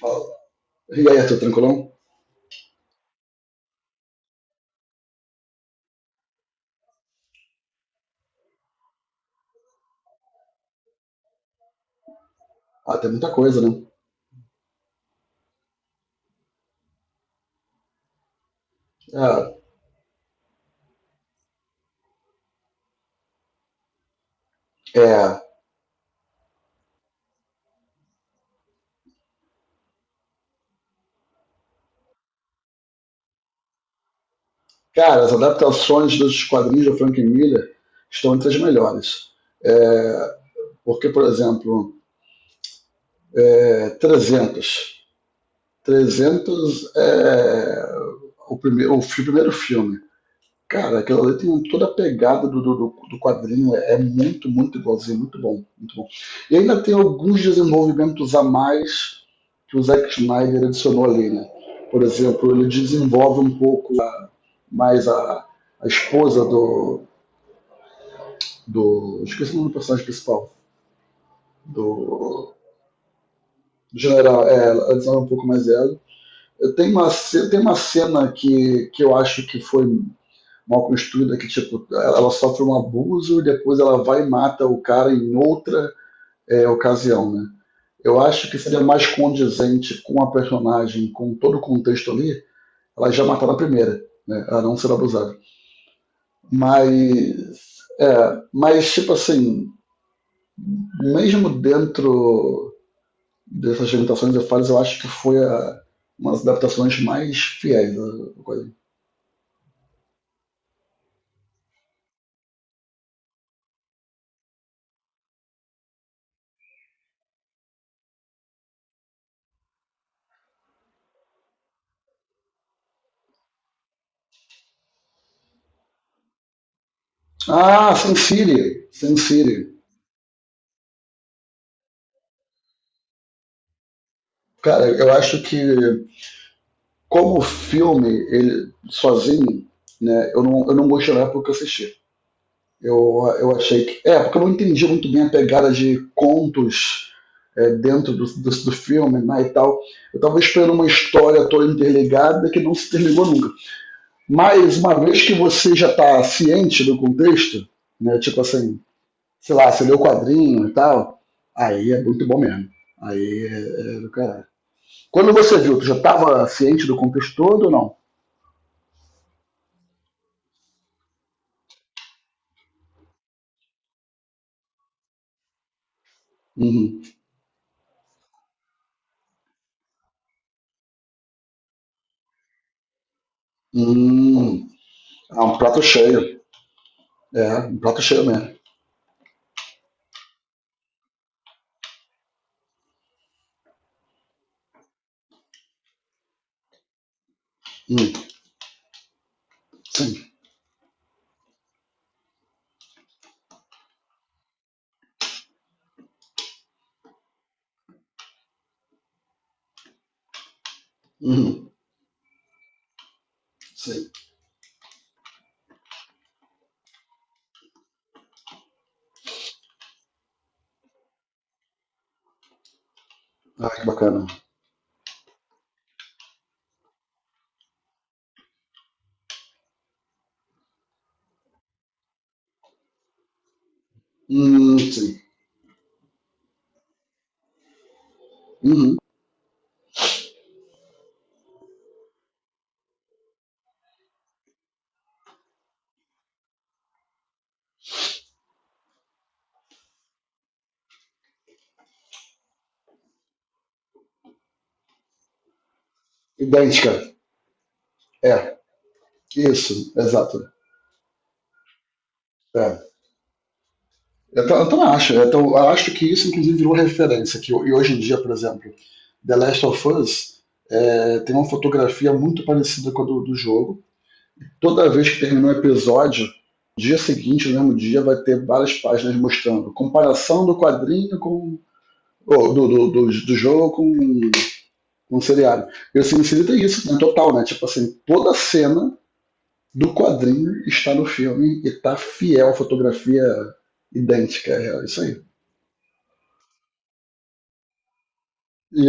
Fala. E aí, Arthur, tranquilão? Ah, tem muita coisa, né? É, é, cara, as adaptações dos quadrinhos do Frank Miller estão entre as melhores. É, porque, por exemplo, é, 300. 300 é o primeiro, primeiro filme. Cara, aquilo ali tem toda a pegada do quadrinho, é, é muito, muito igualzinho, muito bom, muito bom. E ainda tem alguns desenvolvimentos a mais que o Zack Snyder adicionou ali, né? Por exemplo, ele desenvolve um pouco mais a esposa do. Esqueci o nome do personagem principal, do, do general, é, ela desenvolve um pouco mais ela. Tem uma cena que eu acho que foi mal construída que tipo ela sofre um abuso e depois ela vai e mata o cara em outra, é, ocasião, né? Eu acho que seria mais condizente com a personagem, com todo o contexto ali, ela já matar na primeira, né? Ela não ser abusada. Mas é, mas tipo assim, mesmo dentro dessas limitações e falhas, eu acho que foi uma das adaptações mais fiéis da coisa. Ah, Sin City, Sin City. Cara, eu acho que, como filme, ele sozinho, né, eu não gostei na época que eu assisti. Eu achei que. É, porque eu não entendi muito bem a pegada de contos, é, dentro do filme, né, e tal. Eu tava esperando uma história toda interligada que não se terminou nunca. Mas uma vez que você já tá ciente do contexto, né, tipo assim, sei lá, você lê o quadrinho e tal, aí é muito bom mesmo. Aí é, é do caralho. Quando você viu, tu já tava ciente do contexto todo ou não? Uhum. Hum, é um prato cheio. É, um prato cheio mesmo. Hum, sim. Uhum, sim. Ah, que bacana. Sim. Uhum. Idêntica. É, isso, exato. É. Eu também acho. Eu acho que isso, inclusive, virou referência. E hoje em dia, por exemplo, The Last of Us, é, tem uma fotografia muito parecida com a do jogo. Toda vez que terminar um episódio, dia seguinte, no mesmo dia, vai ter várias páginas mostrando comparação do quadrinho com, ou do jogo com o seriado. E o Sin City tem isso, né? Total, né? Tipo assim, toda cena do quadrinho está no filme e tá fiel à fotografia idêntica. É isso aí.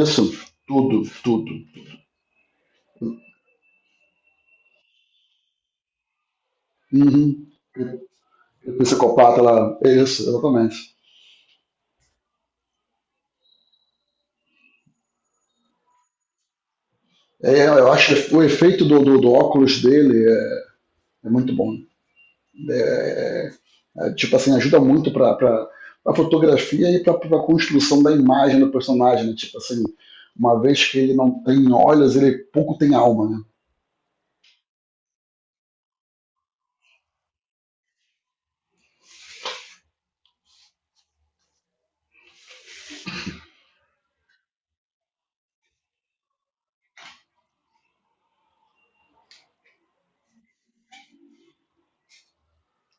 Isso, tudo, tudo. Uhum. O psicopata lá, é isso, exatamente. É, eu acho que o efeito do óculos dele é, é muito bom, né? É, tipo assim, ajuda muito para a fotografia e para a construção da imagem do personagem, né? Tipo assim, uma vez que ele não tem olhos, ele pouco tem alma, né?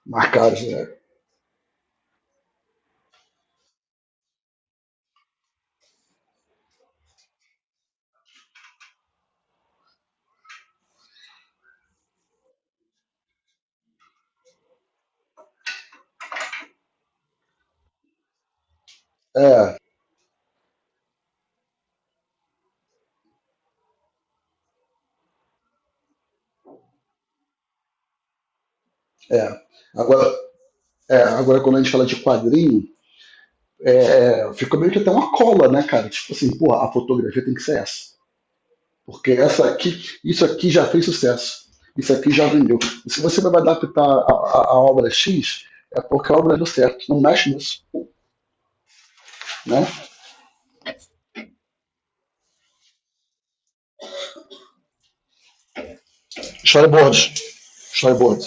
Marcados, né? É, é. Agora, é, agora, quando a gente fala de quadrinho, é, é, fica meio que até uma cola, né, cara? Tipo assim, porra, a fotografia tem que ser essa. Porque essa aqui, isso aqui já fez sucesso. Isso aqui já vendeu. E se você vai adaptar a obra X, é porque a obra deu certo. Não mexe nisso, né? Storyboard. Storyboard.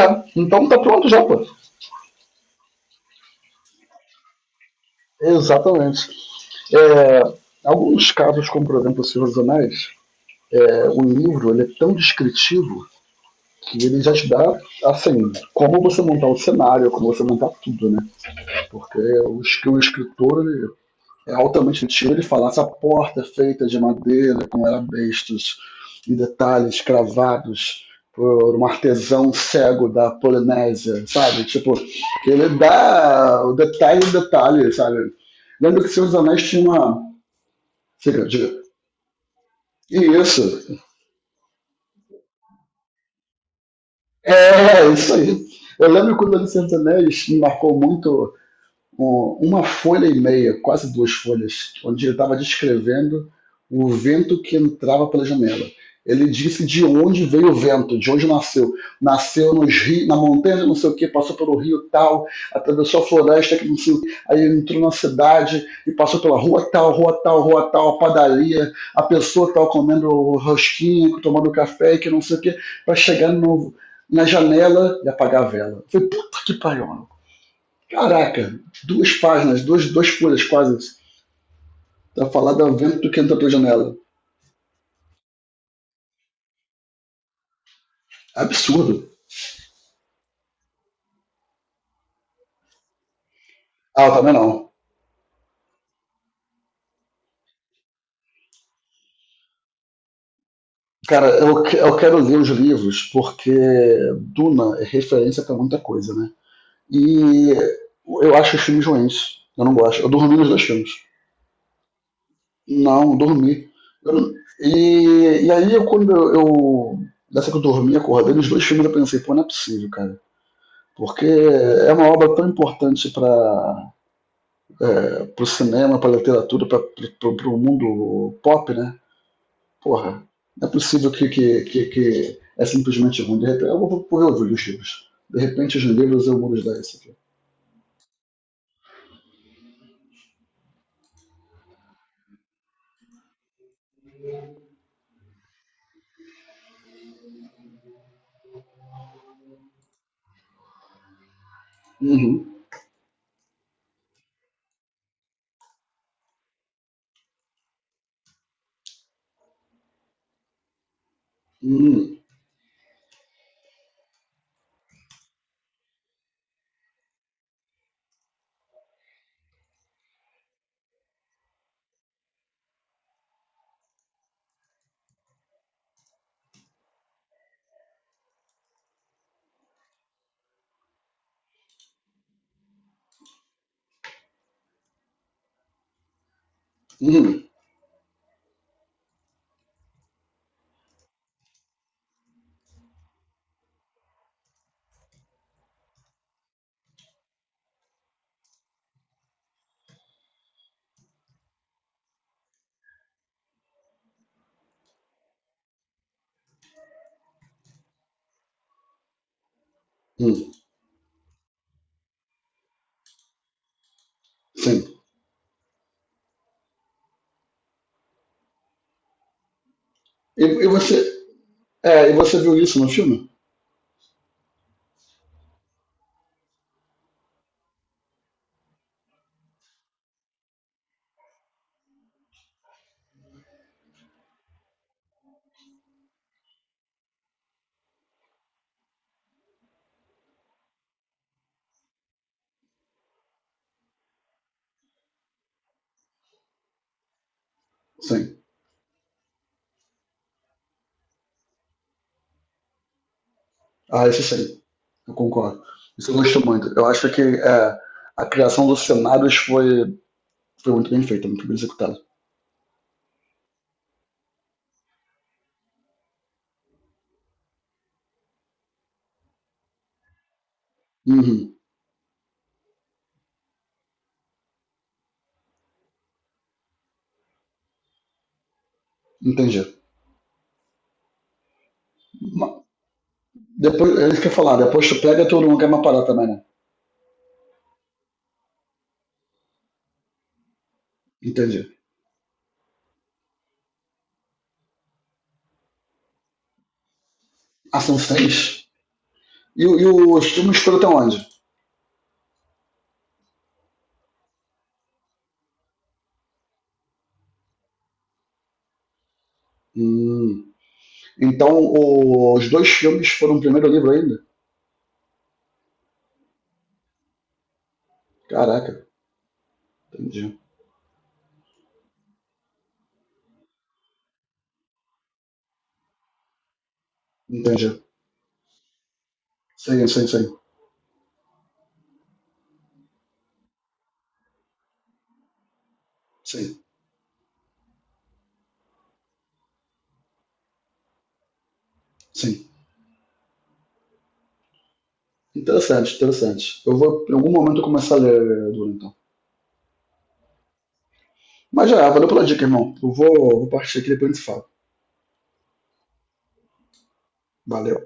É, então tá pronto já, pô. Exatamente. É, alguns casos, como por exemplo o Senhor dos Anéis, é, o livro ele é tão descritivo que ele já te dá, assim, como você montar o cenário, como você montar tudo, né? O escritor, ele, é altamente antigo ele falar essa porta feita de madeira com arabescos e detalhes cravados por um artesão cego da Polinésia, sabe? Tipo, ele dá o detalhe em detalhe, sabe? Lembra que Senhor dos Anéis tinha uma... Fica, diga. E isso. É, é isso aí. Eu lembro quando ele Senhor dos Anéis me marcou muito, uma folha e meia, quase duas folhas, onde ele estava descrevendo o vento que entrava pela janela. Ele disse de onde veio o vento, de onde nasceu. Nasceu nos rios, na montanha, de não sei o que, passou pelo rio tal, atravessou a floresta, que não sei o quê, aí entrou na cidade e passou pela rua tal, rua tal, rua tal, a padaria, a pessoa tal comendo rosquinha, tomando café, que não sei o que, para chegar no, na janela e apagar a vela. Eu falei, puta que pariu, mano. Caraca, duas páginas, duas, duas folhas quase, pra falar do vento que entra pela janela. Absurdo. Ah, eu também não. Cara, eu quero ler os livros porque Duna é referência pra muita coisa, né? E eu acho os filmes ruins. Eu não gosto. Eu dormi nos dois filmes. Não, dormi. Eu- não- e aí, eu, quando eu, eu. Dessa que eu dormi, acordei nos dois filmes, eu pensei, pô, não é possível, cara. Porque é uma obra tão importante pra, é, pro cinema, pra literatura, pra, pro mundo pop, né? Porra, não é possível que é simplesmente ruim. De repente, vou reouvir os livros. De repente, os livros eu vou dar isso aqui. Uhum. Uhum. Uhum. Uhum. Sim. E, e você, é, e você viu isso no filme? Sim. Ah, isso sim. Eu concordo. Isso eu gosto muito. Eu acho que é, a criação dos cenários foi, foi muito bem feita, muito bem executada. Uhum. Entendi. Ma- Depois, é isso que eu ia falar, depois tu pega todo mundo quer uma parada também, né? Entendi. Ah, são três? E, e os filmes foram até onde? Hum. Então, os dois filmes foram o primeiro livro ainda? Caraca, entendi. Entendi. Sim, sim, sim. Sim, sim. Interessante, interessante. Eu vou, em algum momento, eu começar a ler Duna, então. Mas já, é, valeu pela dica, irmão. Vou partir aqui depois a gente fala. Valeu.